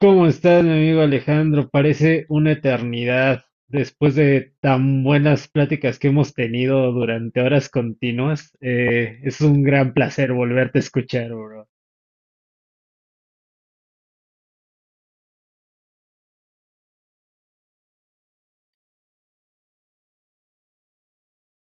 ¿Cómo estás, mi amigo Alejandro? Parece una eternidad después de tan buenas pláticas que hemos tenido durante horas continuas. Es un gran placer volverte a escuchar, bro.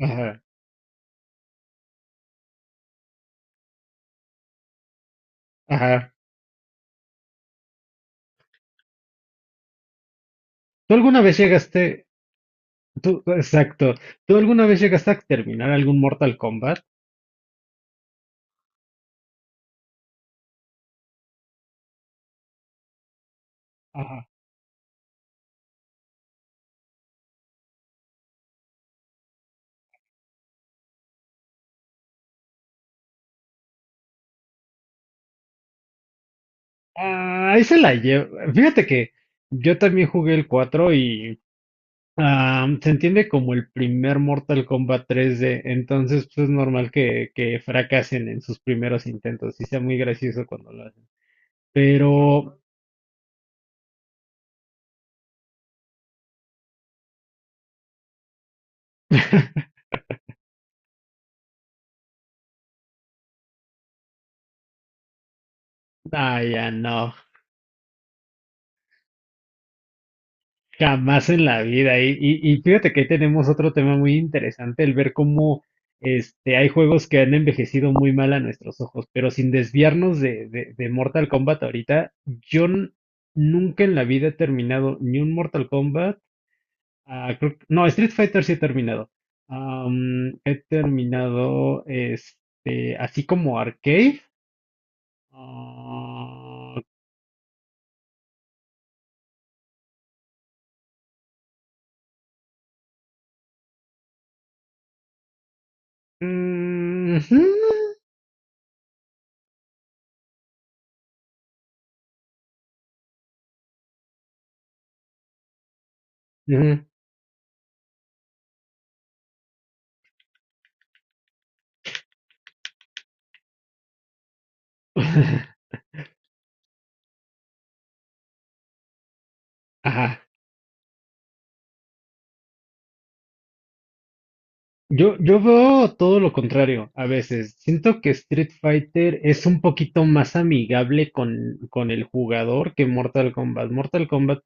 Ajá, ajá. ¿Tú alguna vez llegaste, tú, exacto, ¿Tú alguna vez llegaste a terminar algún Mortal Kombat? Ajá. Ah, ahí se la llevo. Fíjate que yo también jugué el cuatro. Ah, se entiende como el primer Mortal Kombat 3D, entonces pues, es normal que fracasen en sus primeros intentos y sea muy gracioso cuando lo hacen. Pero, ah, ya no, jamás en la vida. Y fíjate que ahí tenemos otro tema muy interesante, el ver cómo hay juegos que han envejecido muy mal a nuestros ojos, pero sin desviarnos de Mortal Kombat ahorita, nunca en la vida he terminado ni un Mortal Kombat. No, Street Fighter sí he terminado. He terminado este, así como arcade. Ah, mm, ujú, ujú. Ajá. Yo veo todo lo contrario a veces. Siento que Street Fighter es un poquito más amigable con el jugador que Mortal Kombat. Mortal Kombat,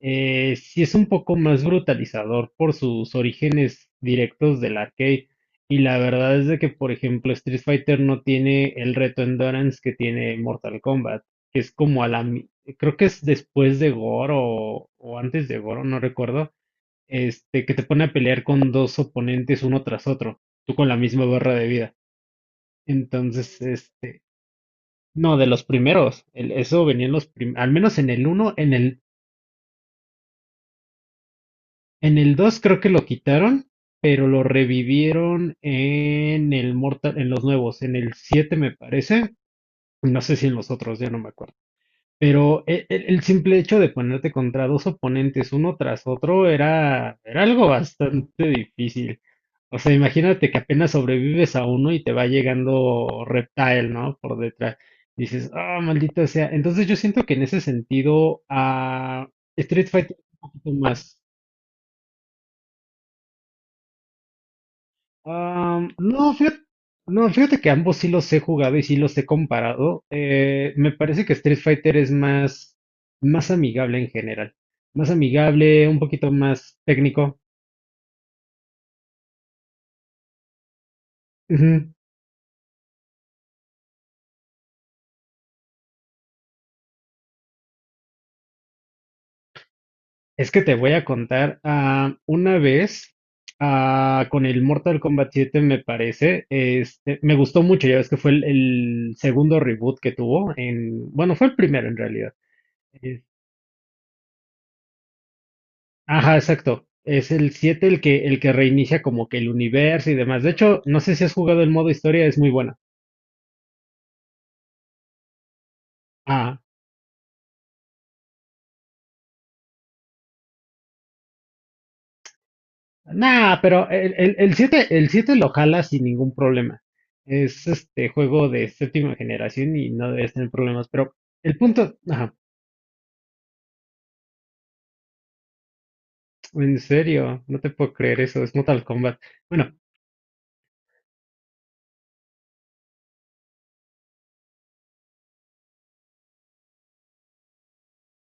sí es un poco más brutalizador por sus orígenes directos del arcade. Y la verdad es de que, por ejemplo, Street Fighter no tiene el reto Endurance que tiene Mortal Kombat, que es como a la... mi- creo que es después de Goro o antes de Goro, no recuerdo, que te pone a pelear con dos oponentes uno tras otro, tú con la misma barra de vida. Entonces, no, de los primeros, eso venía en los al menos en el uno en el. En el dos creo que lo quitaron, pero lo revivieron en el Mortal, en los nuevos, en el 7 me parece, no sé si en los otros, ya no me acuerdo. Pero el simple hecho de ponerte contra dos oponentes uno tras otro era, era algo bastante difícil. O sea, imagínate que apenas sobrevives a uno y te va llegando Reptile, ¿no? Por detrás. Dices, ah, maldito sea. Entonces yo siento que en ese sentido, a Street Fighter es un poquito más. Am, no, fíjate, no, fíjate que ambos sí los he jugado y sí los he comparado. Me parece que Street Fighter es más, más amigable en general. Más amigable, un poquito más técnico. Ujú. Es que te voy a contar, ah, una vez ah, con el Mortal Kombat 7 me parece, me gustó mucho, ya ves que fue el segundo reboot que tuvo en, bueno, fue el primero en realidad. Ajá, exacto. Es el 7 el que reinicia como que el universo y demás. De hecho, no sé si has jugado el modo historia, es muy buena. Ah, nah, pero el 7 lo jala sin ningún problema. Es este juego de séptima generación y no debes tener problemas. Pero el punto, ajá, en serio, no te puedo creer eso, es Mortal Kombat. Bueno,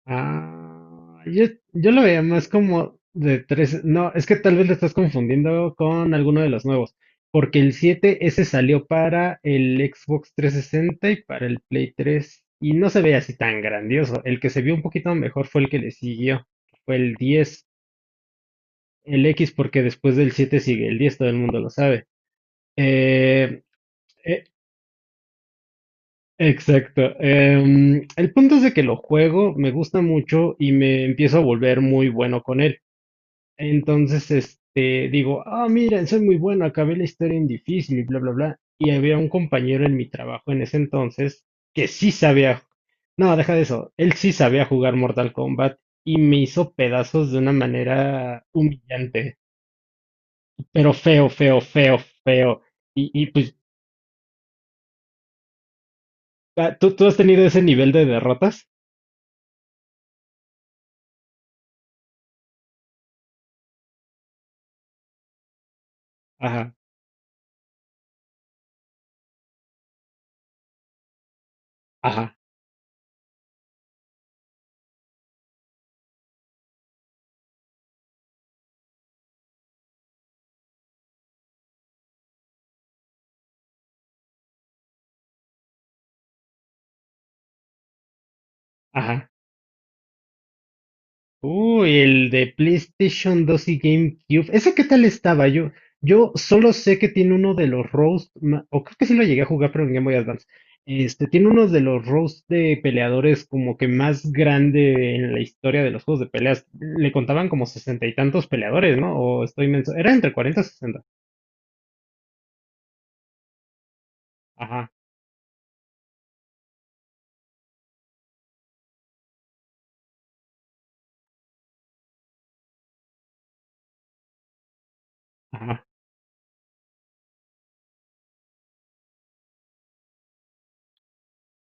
ah, yo lo veía más como de tres. No, es que tal vez lo estás confundiendo con alguno de los nuevos. Porque el 7 ese salió para el Xbox 360 y para el Play 3. Y no se veía así tan grandioso. El que se vio un poquito mejor fue el que le siguió. Que fue el diez. El X, porque después del 7 sigue el 10. Todo el mundo lo sabe. Eh, eh, exacto. El punto es de que lo juego, me gusta mucho y me empiezo a volver muy bueno con él. Entonces, digo, ah, mira soy muy bueno, acabé la historia en difícil y bla, bla, bla. Y había un compañero en mi trabajo en ese entonces que sí sabía, no, deja de eso, él sí sabía jugar Mortal Kombat y me hizo pedazos de una manera humillante, pero feo, feo, feo, feo. Y pues, ah, ¿tú has tenido ese nivel de derrotas? Ajá, ajá, ajá. Uy, el de PlayStation dos y GameCube. ¿Ese qué tal estaba? Yo solo sé que tiene uno de los roast, o creo que sí lo llegué a jugar, pero en Game Boy Advance. Tiene uno de los roast de peleadores como que más grande en la historia de los juegos de peleas. Le contaban como sesenta y tantos peleadores, ¿no? O estoy menso. Era entre cuarenta y sesenta. Ajá, ajá,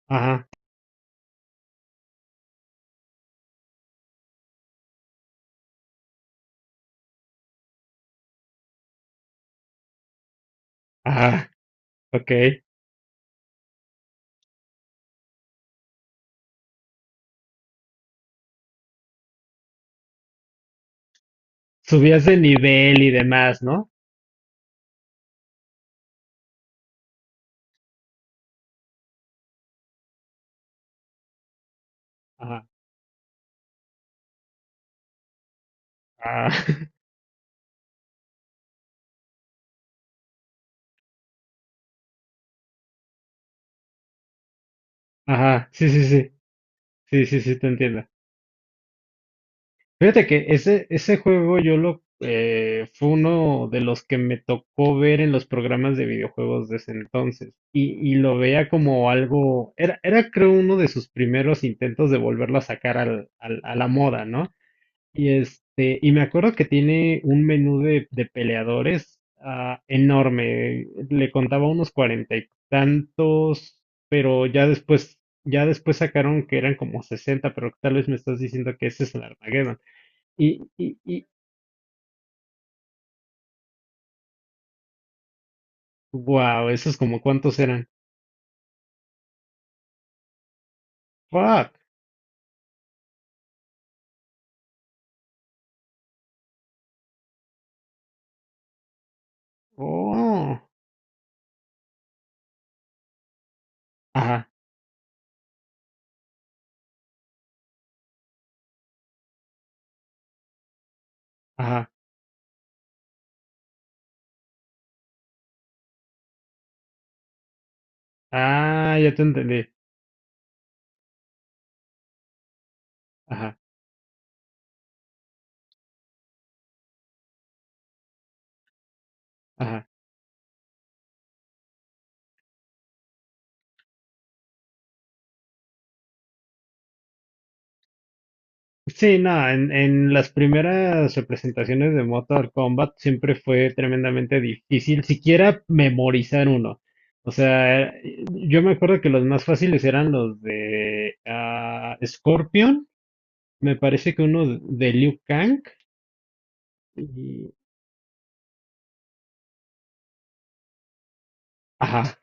ajá, ajá, ok. Subías de nivel y demás, ¿no? Ajá, ajá, ajá, sí, sí, sí, sí, sí, sí, te entiendo. Fíjate que ese juego yo lo fue uno de los que me tocó ver en los programas de videojuegos de ese entonces. Y lo veía como algo. Era creo uno de sus primeros intentos de volverlo a sacar a la moda, ¿no? Y y me acuerdo que tiene un menú de peleadores ah, enorme. Le contaba unos cuarenta y tantos, pero ya después sacaron que eran como sesenta, pero tal vez me estás diciendo que ese es el Armageddon. Y, y, y, wow, esos como cuántos eran. Fuck. Oh. Ajá, ajá. Ah, ya te entendí. Ajá, ajá. Sí, no, en las primeras representaciones de Mortal Kombat siempre fue tremendamente difícil siquiera memorizar uno. O sea, yo me acuerdo que los más fáciles eran los de ah, Scorpion, me parece que uno de Liu Kang. Y, ajá.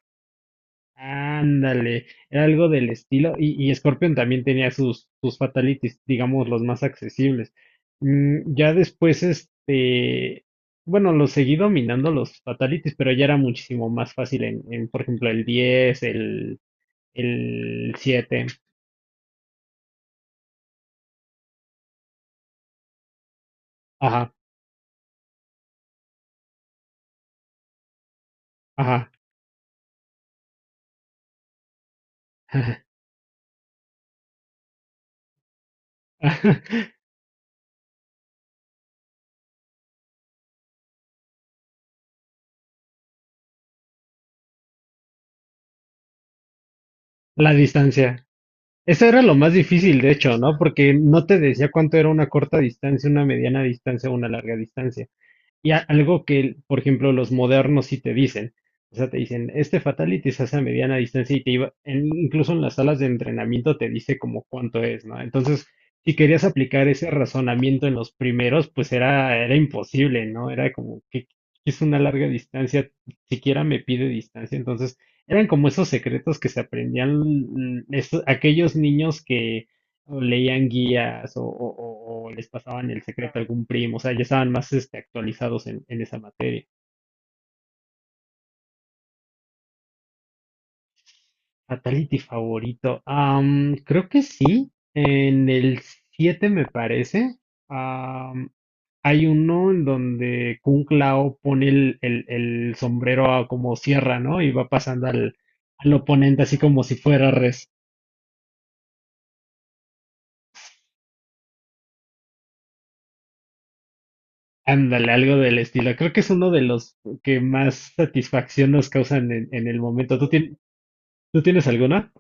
Ándale, era algo del estilo. Y Scorpion también tenía sus, sus fatalities, digamos, los más accesibles. Mm, ya después, bueno, los seguí dominando los fatalities, pero ya era muchísimo más fácil por ejemplo, el siete. Ajá, ajá. La distancia. Eso era lo más difícil, de hecho, ¿no? Porque no te decía cuánto era una corta distancia, una mediana distancia o una larga distancia. Y algo que, por ejemplo, los modernos sí te dicen. O sea, te dicen, este fatality se hace a mediana distancia y te iba, incluso en las salas de entrenamiento te dice como cuánto es, ¿no? Entonces, si querías aplicar ese razonamiento en los primeros, pues era, era imposible, ¿no? Era como que es una larga distancia, siquiera me pide distancia. Entonces, eran como esos secretos que se aprendían mm, aquellos niños que o leían guías o, o les pasaban el secreto a algún primo, o sea, ya estaban más actualizados en esa materia. Fatality favorito. Am, creo que sí, en el 7 me parece. Am, hay uno en donde Kung Lao pone el sombrero a como sierra, ¿no? Y va pasando al oponente así como si fuera res. Ándale, algo del estilo. Creo que es uno de los que más satisfacción nos causan en el momento. ¿Tú tienes alguno?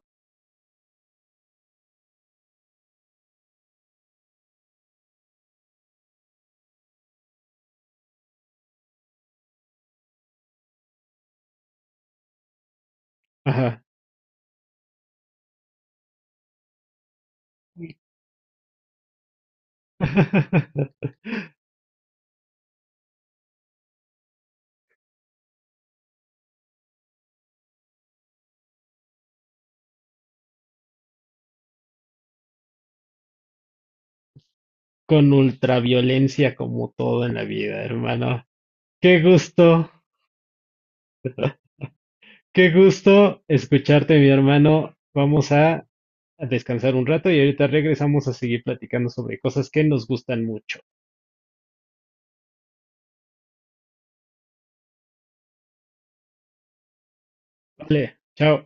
Ajá. Con ultraviolencia como todo en la vida, hermano. Qué gusto, qué gusto escucharte, mi hermano. Vamos a descansar un rato y ahorita regresamos a seguir platicando sobre cosas que nos gustan mucho. Vale, chao.